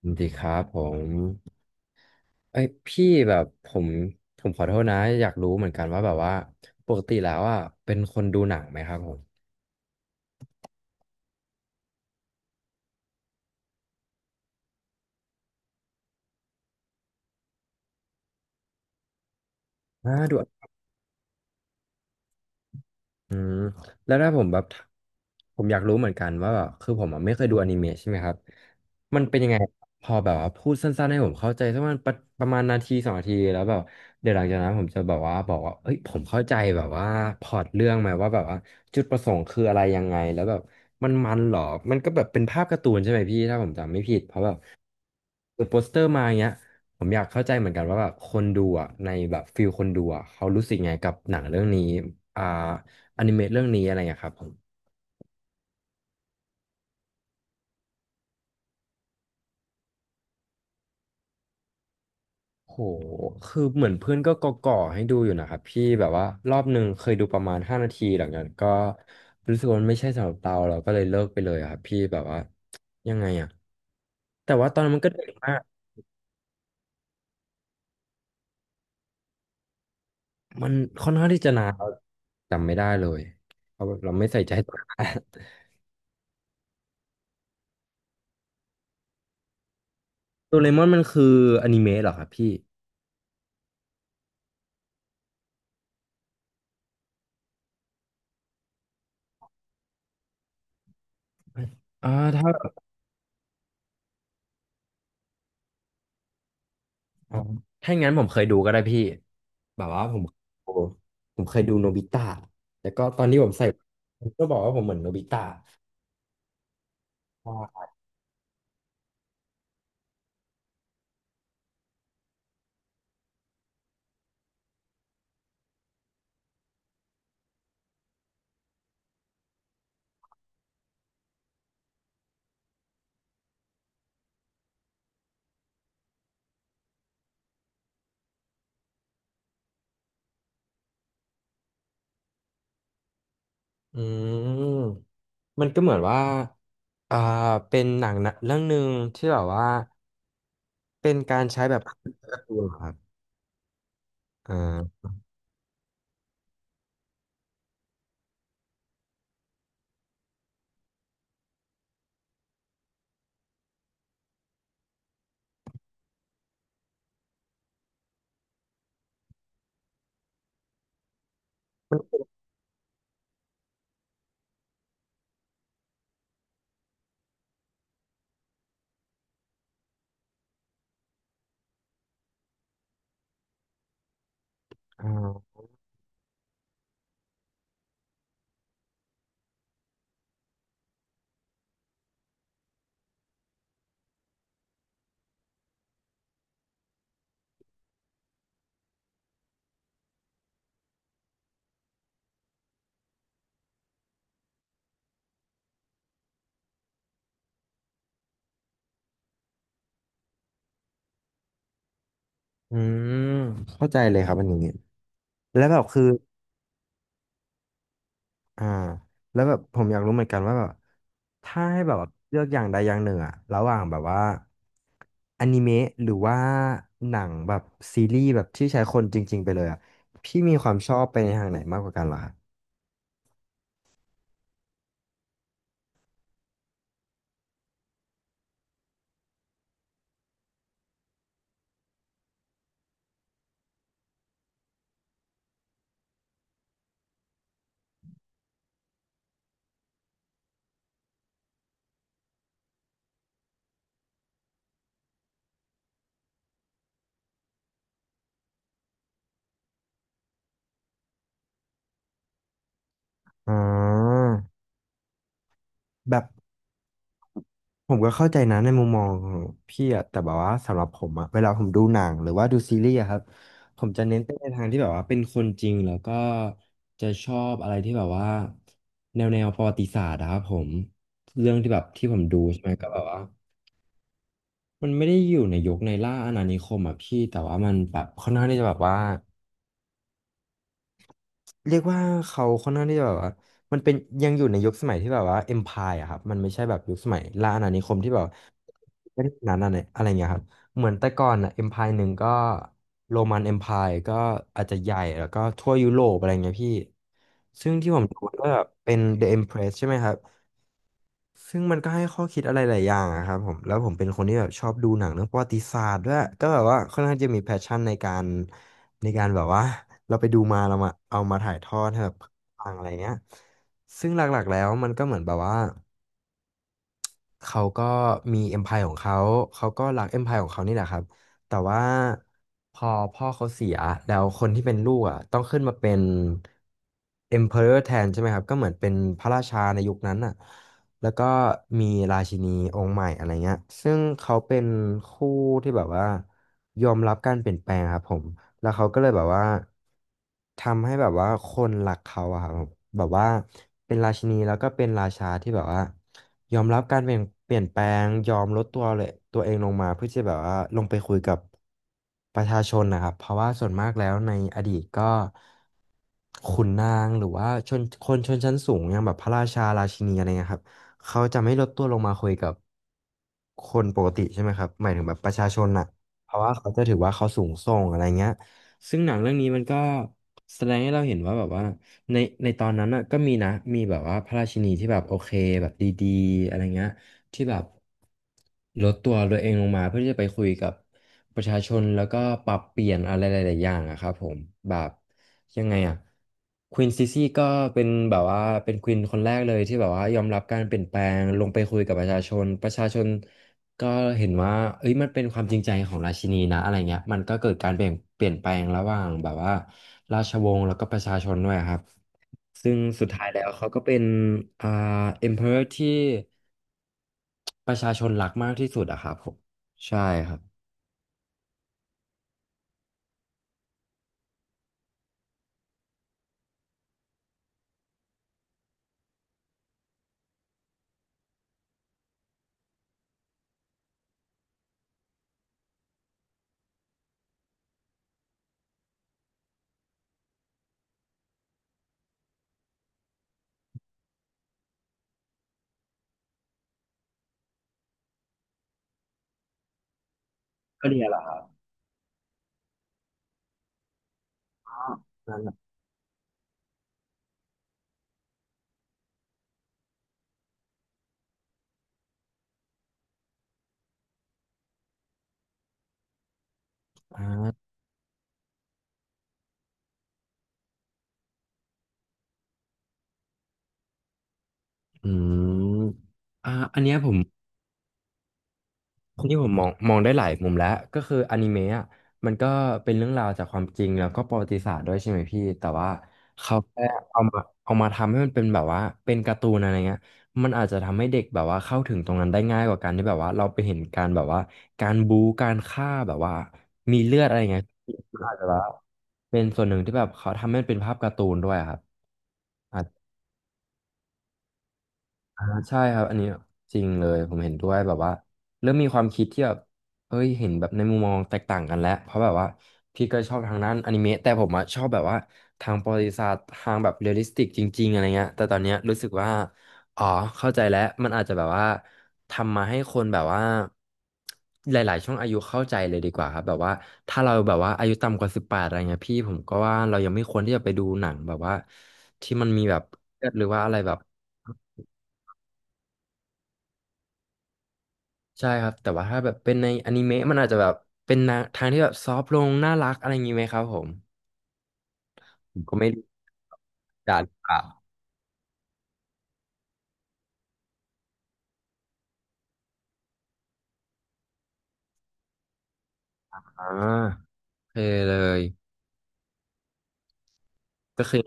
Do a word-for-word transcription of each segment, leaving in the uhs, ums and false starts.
สวัสดีครับผมเอ้ยพี่แบบผมผมขอโทษนะอยากรู้เหมือนกันว่าแบบว่าปกติแล้วอ่ะเป็นคนดูหนังไหมครับผมอ่าดู อืมแล้วถ้าผมแบบผมอยากรู้เหมือนกันว่าแบบคือผมอ่ะไม่เคยดูอนิเมะใช่ไหมครับมันเป็นยังไงพอแบบว่าพูดสั้นๆให้ผมเข้าใจสักประมาณประประมาณนาทีสองนาทีแล้วแบบเดี๋ยวหลังจากนั้นผมจะแบบว่าบอกว่าเอ้ยผมเข้าใจแบบว่าพล็อตเรื่องไหมว่าแบบว่าจุดประสงค์คืออะไรยังไงแล้วแบบมันมันเหรอมันก็แบบเป็นภาพการ์ตูนใช่ไหมพี่ถ้าผมจำไม่ผิดเพราะแบบเปิดโปสเตอร์มาอย่างเงี้ยผมอยากเข้าใจเหมือนกันว่าแบบคนดูอ่ะในแบบฟิลคนดูอ่ะเขารู้สึกไงกับหนังเรื่องนี้อ่า อนิเมะเรื่องนี้อะไรอย่างเงี้ยครับผมโหคือเหมือนเพื่อนก็ก่อก่อให้ดูอยู่นะครับพี่แบบว่ารอบหนึ่งเคยดูประมาณห้านาทีหลังจากนั้นก็รู้สึกว่ามันไม่ใช่สำหรับเราเราก็เลยเลิกไปเลยอะครับพี่แบบว่ายังไงอะแต่ว่าตอนนั้นมันก็เด็กมากมันค่อนข้างที่จะนานเราจำไม่ได้เลยเพราะเราไม่ใส่ใจตัวโดเรมอนมันคืออนิเมะเหรอครับพี่อ่าถ้าอ๋อถ้าอย่างนั้นผมเคยดูก็ได้พี่ แบบว่าผมโอ้โหผมเคยดูโนบิตะแล้วก็ตอนที่ผมใส่ผมก็บอกว่าผมเหมือนโนบิตะอ่าอืมมันก็เหมือนว่าอ่าเป็นหนังนะเรื่องหนึ่งที่แบบว่าเป็นการใช้แบบการ์ตูนเหรอครับอ่าอ่าอืมเข้าใจเลยครับอันนี้แล้วแบบคือ อ่าแล้วแบบผมอยากรู้เหมือนกันว่าแบบถ้าให้แบบว่าเลือกอย่างใดอย่างหนึ่งอะระหว่างแบบว่าอนิเมะหรือว่าหนังแบบซีรีส์แบบที่ใช้คนจริงๆไปเลยอะพี่มีความชอบไปในทางไหนมากกว่ากันเหรออ๋อแบบ ผมก็เข้าใจนะในมุมมองของพี่อะแต่แบบว่าสำหรับผมอะเวลาผมดูหนังหรือว่าดูซีรีส์อะครับผมจะเน้นไปในทางที่แบบว่าเป็นคนจริงแล้วก็จะชอบอะไรที่แบบว่าแนวแนวประวัติศาสตร์อะครับผมเรื่องที่แบบที่ผมดูใช่ไหมก็แบบว่ามันไม่ได้อยู่ในยุคในล่าอาณานิคมอะพี่แต่ว่ามันแบบค่อนข้างที่จะแบบว่า เรียกว่าเขาค่อนข้างที่จะแบบว่ามันเป็นยังอยู่ในยุคสมัยที่แบบว่าเอ็มพายอะครับมันไม่ใช่แบบยุคสมัยล่าอาณานิคมที่แบบเป็นนั้นอะไรอะไรเงี้ยครับเหมือนแต่ก่อนอะเอ็มพายหนึ่งก็โรมันเอ็มพายก็อาจจะใหญ่แล้วก็ทั่วยุโรปอะไรเงี้ยพี่ซึ่งที่ผมดูก็แบบเป็น The Empress ใช่ไหมครับ ซึ่งมันก็ให้ข้อคิดอะไรหลายอย่างอะครับผมแล้วผมเป็นคนที่แบบชอบดูหนังเรื่องประวัติศาสตร์ด้วยก็แบบว่าค่อนข้างจะมีแพชชั่นในการในการแบบว่าเราไปดูมาเรามาเอามาถ่ายทอดให้แบบฟังอะไรเงี้ยซึ่งหลักๆแล้วมันก็เหมือนแบบว่า เขาก็มี empire ของเขาเขาก็รัก empire ของเขานี่แหละครับแต่ว่าพอพ่อเขาเสียแล้วคนที่เป็นลูกอ่ะต้องขึ้นมาเป็น emperor แทนใช่ไหมครับก็เหมือนเป็นพระราชาในยุคนั้นอ่ะแล้วก็มีราชินีองค์ใหม่อะไรเงี้ยซึ่งเขาเป็นคู่ที่แบบว่ายอมรับการเปลี่ยนแปลงครับผม แล้วเขาก็เลยแบบว่าทำให้แบบว่าคนรักเขาอะครับแบบว่าเป็นราชินีแล้วก็เป็นราชาที่แบบว่ายอมรับการเปลี่ยนเปลี่ยนแปลงยอมลดตัวเลยตัวเองลงมาเพื่อจะแบบว่าลงไปคุยกับประชาชนนะครับเพราะว่าส่วนมากแล้วในอดีตก็ขุนนางหรือว่าชนคนชนชั้นสูงอย่างแบบพระราชาราชินีอะไรเงี้ยครับเขาจะไม่ลดตัวลงมาคุยกับคนปกติใช่ไหมครับหมายถึงแบบประชาชนน่ะเพราะว่าเขาจะถือว่าเขาสูงส่งอะไรเงี้ย ซึ่งหนังเรื่องนี้มันก็แสดงให้เราเห็นว่าแบบว่าในในตอนนั้นน่ะก็มีนะมีแบบว่าพระราชินีที่แบบโอเคแบบดีๆอะไรเงี้ยที่แบบลดตัวตัวเองลงมาเพื่อที่จะไปคุยกับประชาชนแล้วก็ปรับเปลี่ยนอะไรหลายๆอย่างอะครับผมแบบยังไงอะควีนซิซี่ก็เป็นแบบว่าเป็นควีนคนแรกเลยที่แบบว่ายอมรับการเปลี่ยนแปลงลงไปคุยกับประชาชนประชาชน ก็เห็นว่าเอ้ยมันเป็นความจริงใจของราชินีนะอะไรเงี้ยมันก็เกิดการเปลี่ยนเปลี่ยนแปลงระหว่างแบบว่าราชวงศ์แล้วก็ประชาชนด้วยครับซึ่งสุดท้ายแล้วเขาก็เป็นอ่า เอมเพอเรอร์ ที่ประชาชนรักมากที่สุดอะครับผมใช่ครับก็เรียนเหรอนั่นแหละอ่าอืมอ่าอันเนี้ยผม นที่ผมมองมองได้หลายมุมแล้วก็คืออนิเมะอะมันก็เป็นเรื่องราวจากความจริงแล้วก็ประวัติศาสตร์ด้วยใช่ไหมพี่แต่ว่าเขาแค่เอามาเอามาทำให้มันเป็นแบบว่าเป็นการ์ตูนอะไรเงี้ยมันอาจจะทำให้เด็กแบบว่าเข้าถึงตรงนั้นได้ง่ายกว่าการที่แบบว่าเราไปเห็นการแบบว่าการบู๊การฆ่าแบบว่ามีเลือดอะไรเงี้ยมันอาจจะแบบว่าเป็นส่วนหนึ่งที่แบบเขาทำให้มันเป็นภาพการ์ตูนด้วยอะครับ อ่าใช่ครับอันนี้จริงเลยผมเห็นด้วยแบบว่าเริ่มมีความคิดที่แบบเฮ้ยเห็นแบบในมุมมองแตกต่างกันแล้วเพราะแบบว่าพี่ก็ชอบทางด้านอนิเมะแต่ผมอะชอบแบบว่าทางประวัติศาสตร์ทางแบบเรียลลิสติกจริงๆอะไรเงี้ยแต่ตอนเนี้ยรู้สึกว่าอ๋อเข้าใจแล้วมันอาจจะแบบว่าทำมาให้คนแบบว่าหลายๆช่วงอายุเข้าใจเลยดีกว่าครับแบบว่าถ้าเราแบบว่าอายุต่ำกว่าสิบแปดอะไรเงี้ยพี่ผมก็ว่าเรายังไม่ควรที่จะไปดูหนังแบบว่าที่มันมีแบบเลือดหรือว่าอะไรแบบ ใช่ครับแต่ว่าถ้าแบบเป็นในอนิเมะมันอาจจะแบบเป็นนะทางที่แบบซอฟต์ลงน่ารักอะไรอย่างนี้ไหมครับผมผมก็ไม่รู้ด่าหรือเปล่าอ่าโอเคเลยก็คือ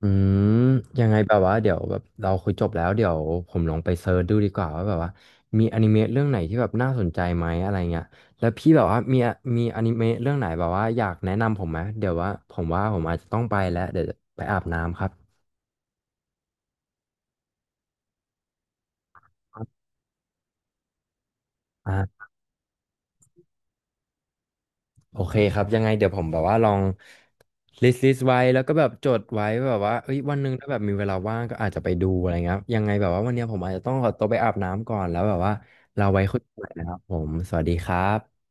อืมยังไงแบบว่าเดี๋ยวแบบเราคุยจบแล้วเดี๋ยวผมลองไปเซิร์ชดูดีกว่าว่าแบบว่ามีอนิเมะเรื่องไหนที่แบบน่าสนใจไหมอะไรเงี้ยแล้วพี่แบบว่ามีมีอนิเมะเรื่องไหนแบบว่าอยากแนะนำผมไหมเดี๋ยวว่าผมว่าผมอาจจะต้องไปแล้วเดี๋ยวจะไปอาบน้ำครับอ่า โอเคครับยังไงเดี๋ยวผมแบบว่าลองลิสต์ลิสต์ไว้แล้วก็แบบจดไว้แบบว่าเอ้ยวันหนึ่งถ้าแบบมีเวลาว่างก็อาจจะไปดูอะไรเงี้ยครับยังไงแบบว่าวันเนี้ยผมอาจจะต้องขอตัวไปอาบน้ำก่อนแล้วแบบว่าเราไว้คุยกันใหม่นะครับผมสวัสดีครับ